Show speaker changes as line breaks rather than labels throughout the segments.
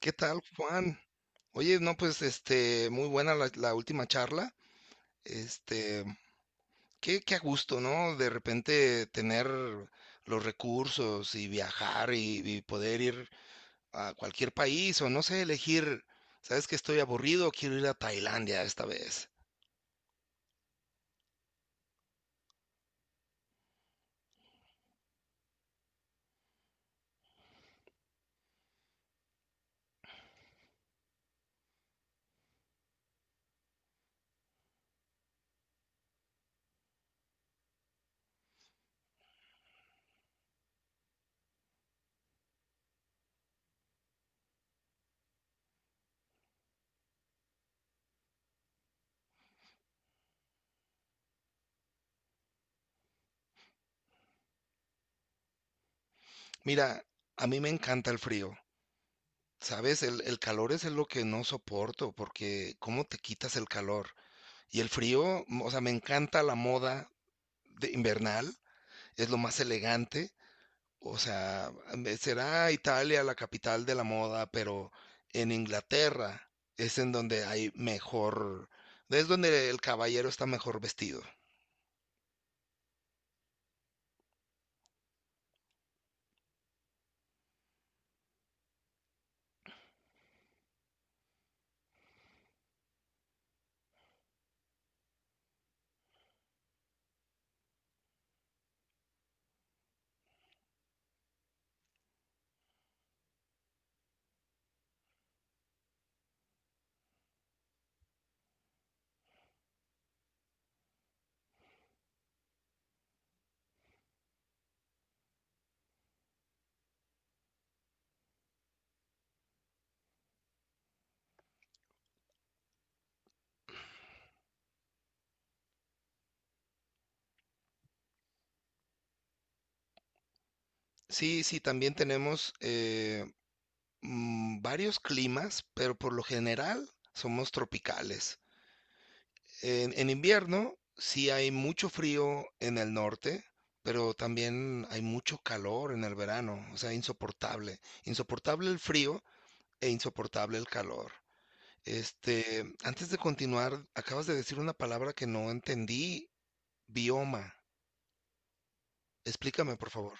¿Qué tal, Juan? Oye, no, pues, muy buena la última charla. Este, qué a gusto, ¿no? De repente tener los recursos y viajar y poder ir a cualquier país o no sé, elegir, ¿sabes que estoy aburrido? Quiero ir a Tailandia esta vez. Mira, a mí me encanta el frío, ¿sabes? El calor es lo que no soporto porque ¿cómo te quitas el calor? Y el frío, o sea, me encanta la moda de invernal. Es lo más elegante. O sea, será Italia la capital de la moda, pero en Inglaterra es en donde hay mejor, es donde el caballero está mejor vestido. Sí, sí, también tenemos varios climas, pero por lo general somos tropicales. En invierno sí hay mucho frío en el norte, pero también hay mucho calor en el verano, o sea, insoportable. Insoportable el frío e insoportable el calor. Antes de continuar, acabas de decir una palabra que no entendí, bioma. Explícame, por favor.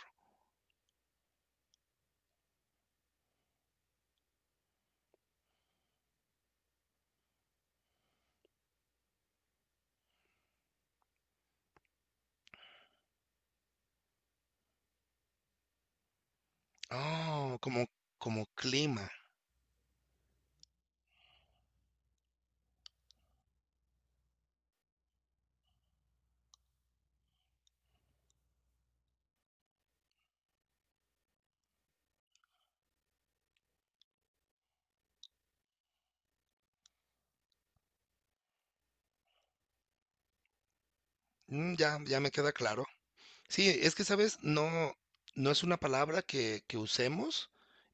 Oh, como clima. Mm, ya me queda claro. Sí, es que, ¿sabes? No, no es una palabra que usemos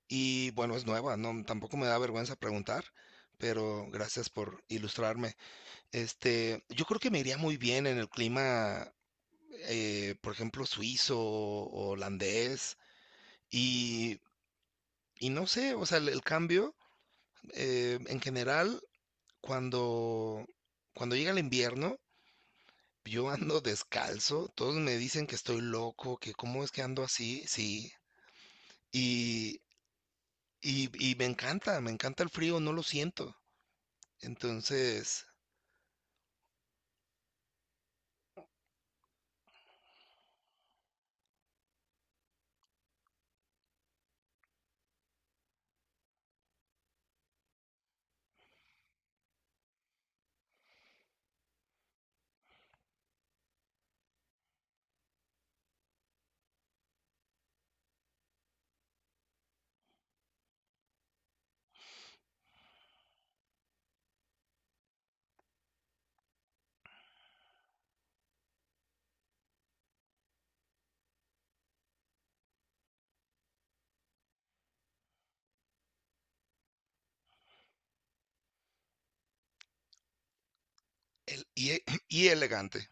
y bueno, es nueva, no, tampoco me da vergüenza preguntar, pero gracias por ilustrarme. Yo creo que me iría muy bien en el clima, por ejemplo, suizo o holandés. Y, y no sé, o sea, el cambio, en general, cuando, cuando llega el invierno, yo ando descalzo, todos me dicen que estoy loco, que cómo es que ando así, sí, y, y me encanta el frío, no lo siento. Entonces, y elegante.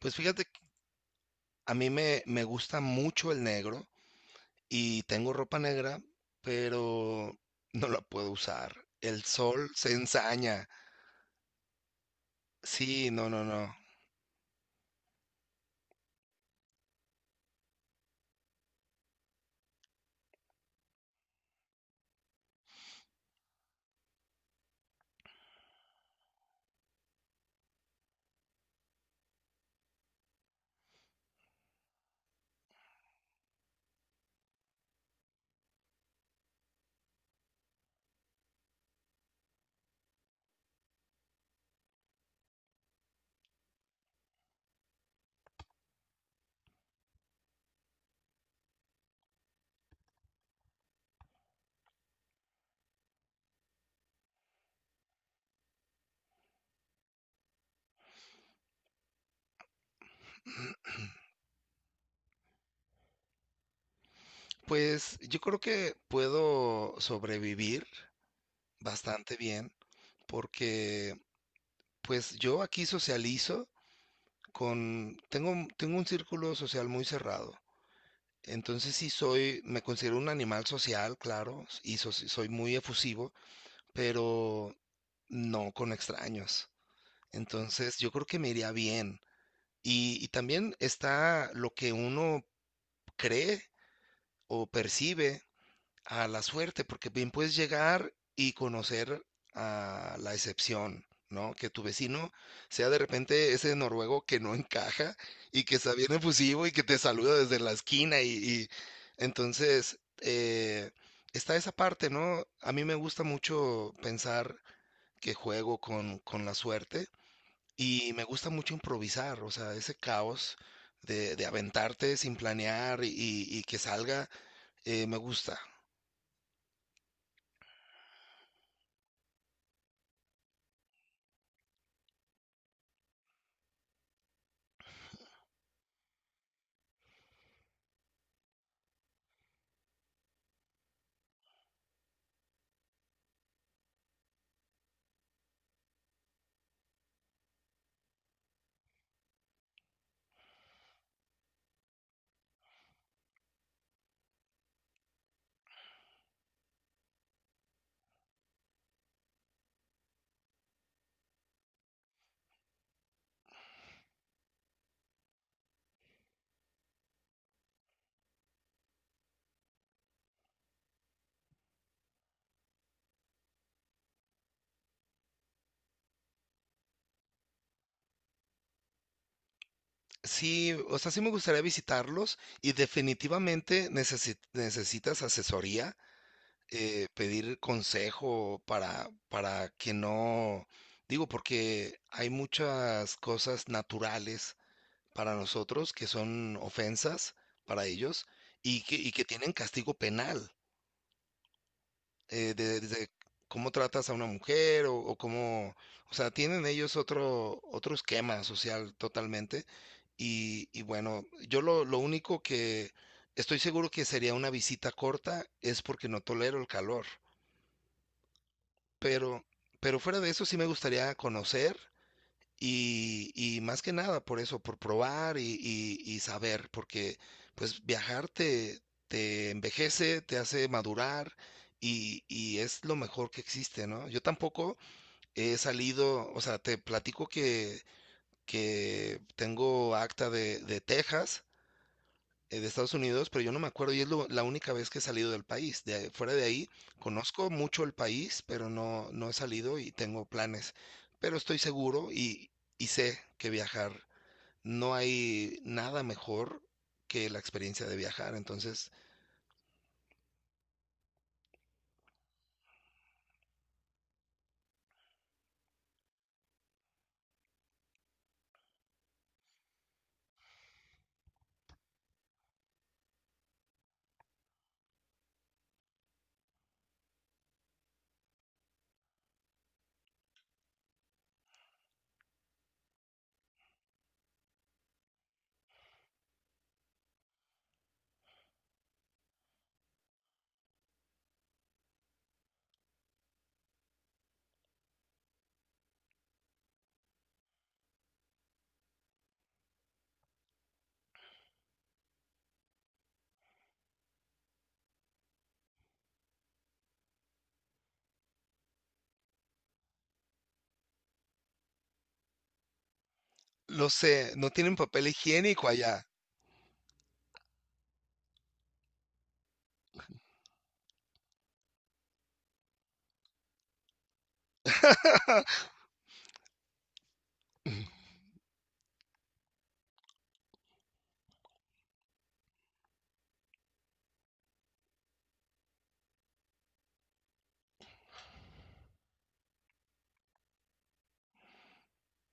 Pues fíjate, que a mí me gusta mucho el negro y tengo ropa negra, pero no la puedo usar. El sol se ensaña. Sí, no, no, no. Pues yo creo que puedo sobrevivir bastante bien porque pues yo aquí socializo tengo un círculo social muy cerrado. Entonces sí soy, me considero un animal social, claro, soy muy efusivo, pero no con extraños. Entonces yo creo que me iría bien. Y también está lo que uno cree o percibe a la suerte, porque bien puedes llegar y conocer a la excepción, ¿no? Que tu vecino sea de repente ese noruego que no encaja y que está bien efusivo y que te saluda desde la esquina entonces está esa parte, ¿no? A mí me gusta mucho pensar que juego con la suerte y me gusta mucho improvisar, o sea, ese caos de aventarte sin planear y que salga, me gusta. Sí, o sea, sí me gustaría visitarlos y definitivamente necesitas asesoría, pedir consejo para que no, digo, porque hay muchas cosas naturales para nosotros que son ofensas para ellos y que tienen castigo penal desde cómo tratas a una mujer o cómo, o sea, tienen ellos otro, otro esquema social totalmente. Y bueno, lo único que estoy seguro que sería una visita corta es porque no tolero el calor. Pero, pero fuera de eso sí me gustaría conocer. Y más que nada por eso, por probar y saber, porque pues viajar te envejece, te hace madurar y es lo mejor que existe, ¿no? Yo tampoco he salido, o sea, te platico que tengo acta de Texas de Estados Unidos, pero yo no me acuerdo y es la única vez que he salido del país. De, fuera de ahí, conozco mucho el país, pero no, no he salido y tengo planes. Pero estoy seguro y sé que viajar, no hay nada mejor que la experiencia de viajar. Entonces, lo sé, no tienen papel higiénico allá.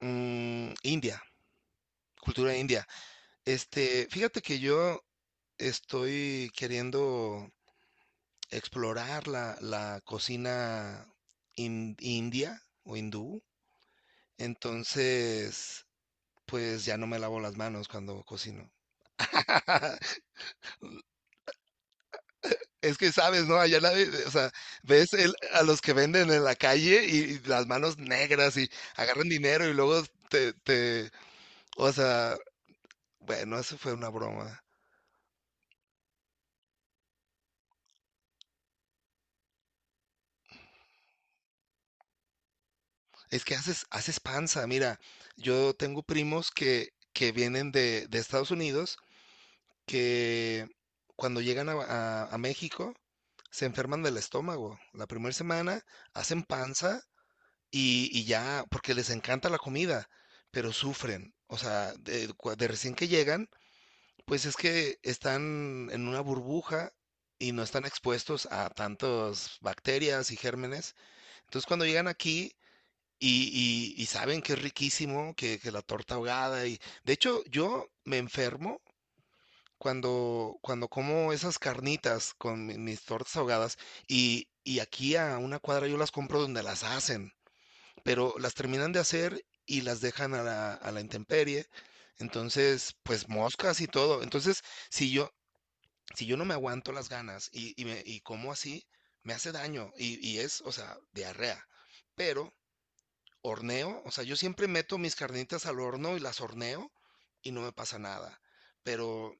Mm, India, cultura india. Fíjate que yo estoy queriendo explorar la cocina india o hindú. Entonces, pues ya no me lavo las manos cuando cocino. Es que sabes, ¿no? Allá la, o sea, ves a los que venden en la calle y las manos negras y agarran dinero y luego te, te, o sea, bueno, eso fue una broma. Es que haces, haces panza, mira, yo tengo primos que vienen de Estados Unidos que cuando llegan a México se enferman del estómago. La primera semana hacen panza y ya, porque les encanta la comida, pero sufren. O sea, de recién que llegan, pues es que están en una burbuja y no están expuestos a tantas bacterias y gérmenes. Entonces cuando llegan aquí... y saben que es riquísimo, que la torta ahogada y de hecho yo me enfermo cuando como esas carnitas con mis tortas ahogadas y aquí a una cuadra yo las compro donde las hacen, pero las terminan de hacer y las dejan a la intemperie, entonces pues moscas y todo, entonces si yo, si yo no me aguanto las ganas y como así, me hace daño y es, o sea, diarrea, pero horneo, o sea, yo siempre meto mis carnitas al horno y las horneo y no me pasa nada. Pero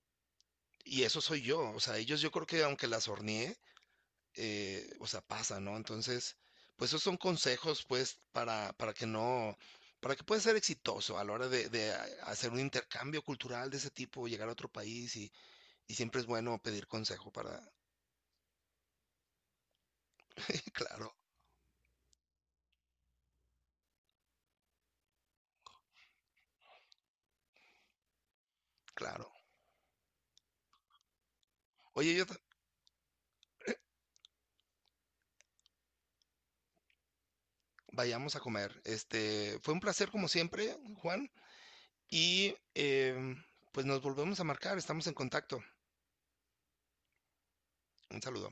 y eso soy yo, o sea, ellos yo creo que aunque las horneé, o sea, pasa, ¿no? Entonces, pues esos son consejos, pues, para que no, para que puedas ser exitoso a la hora hacer un intercambio cultural de ese tipo, llegar a otro país y siempre es bueno pedir consejo para, claro, claro. Oye, vayamos a comer. Fue un placer como siempre, Juan, y em, pues nos volvemos a marcar, estamos en contacto. Un saludo.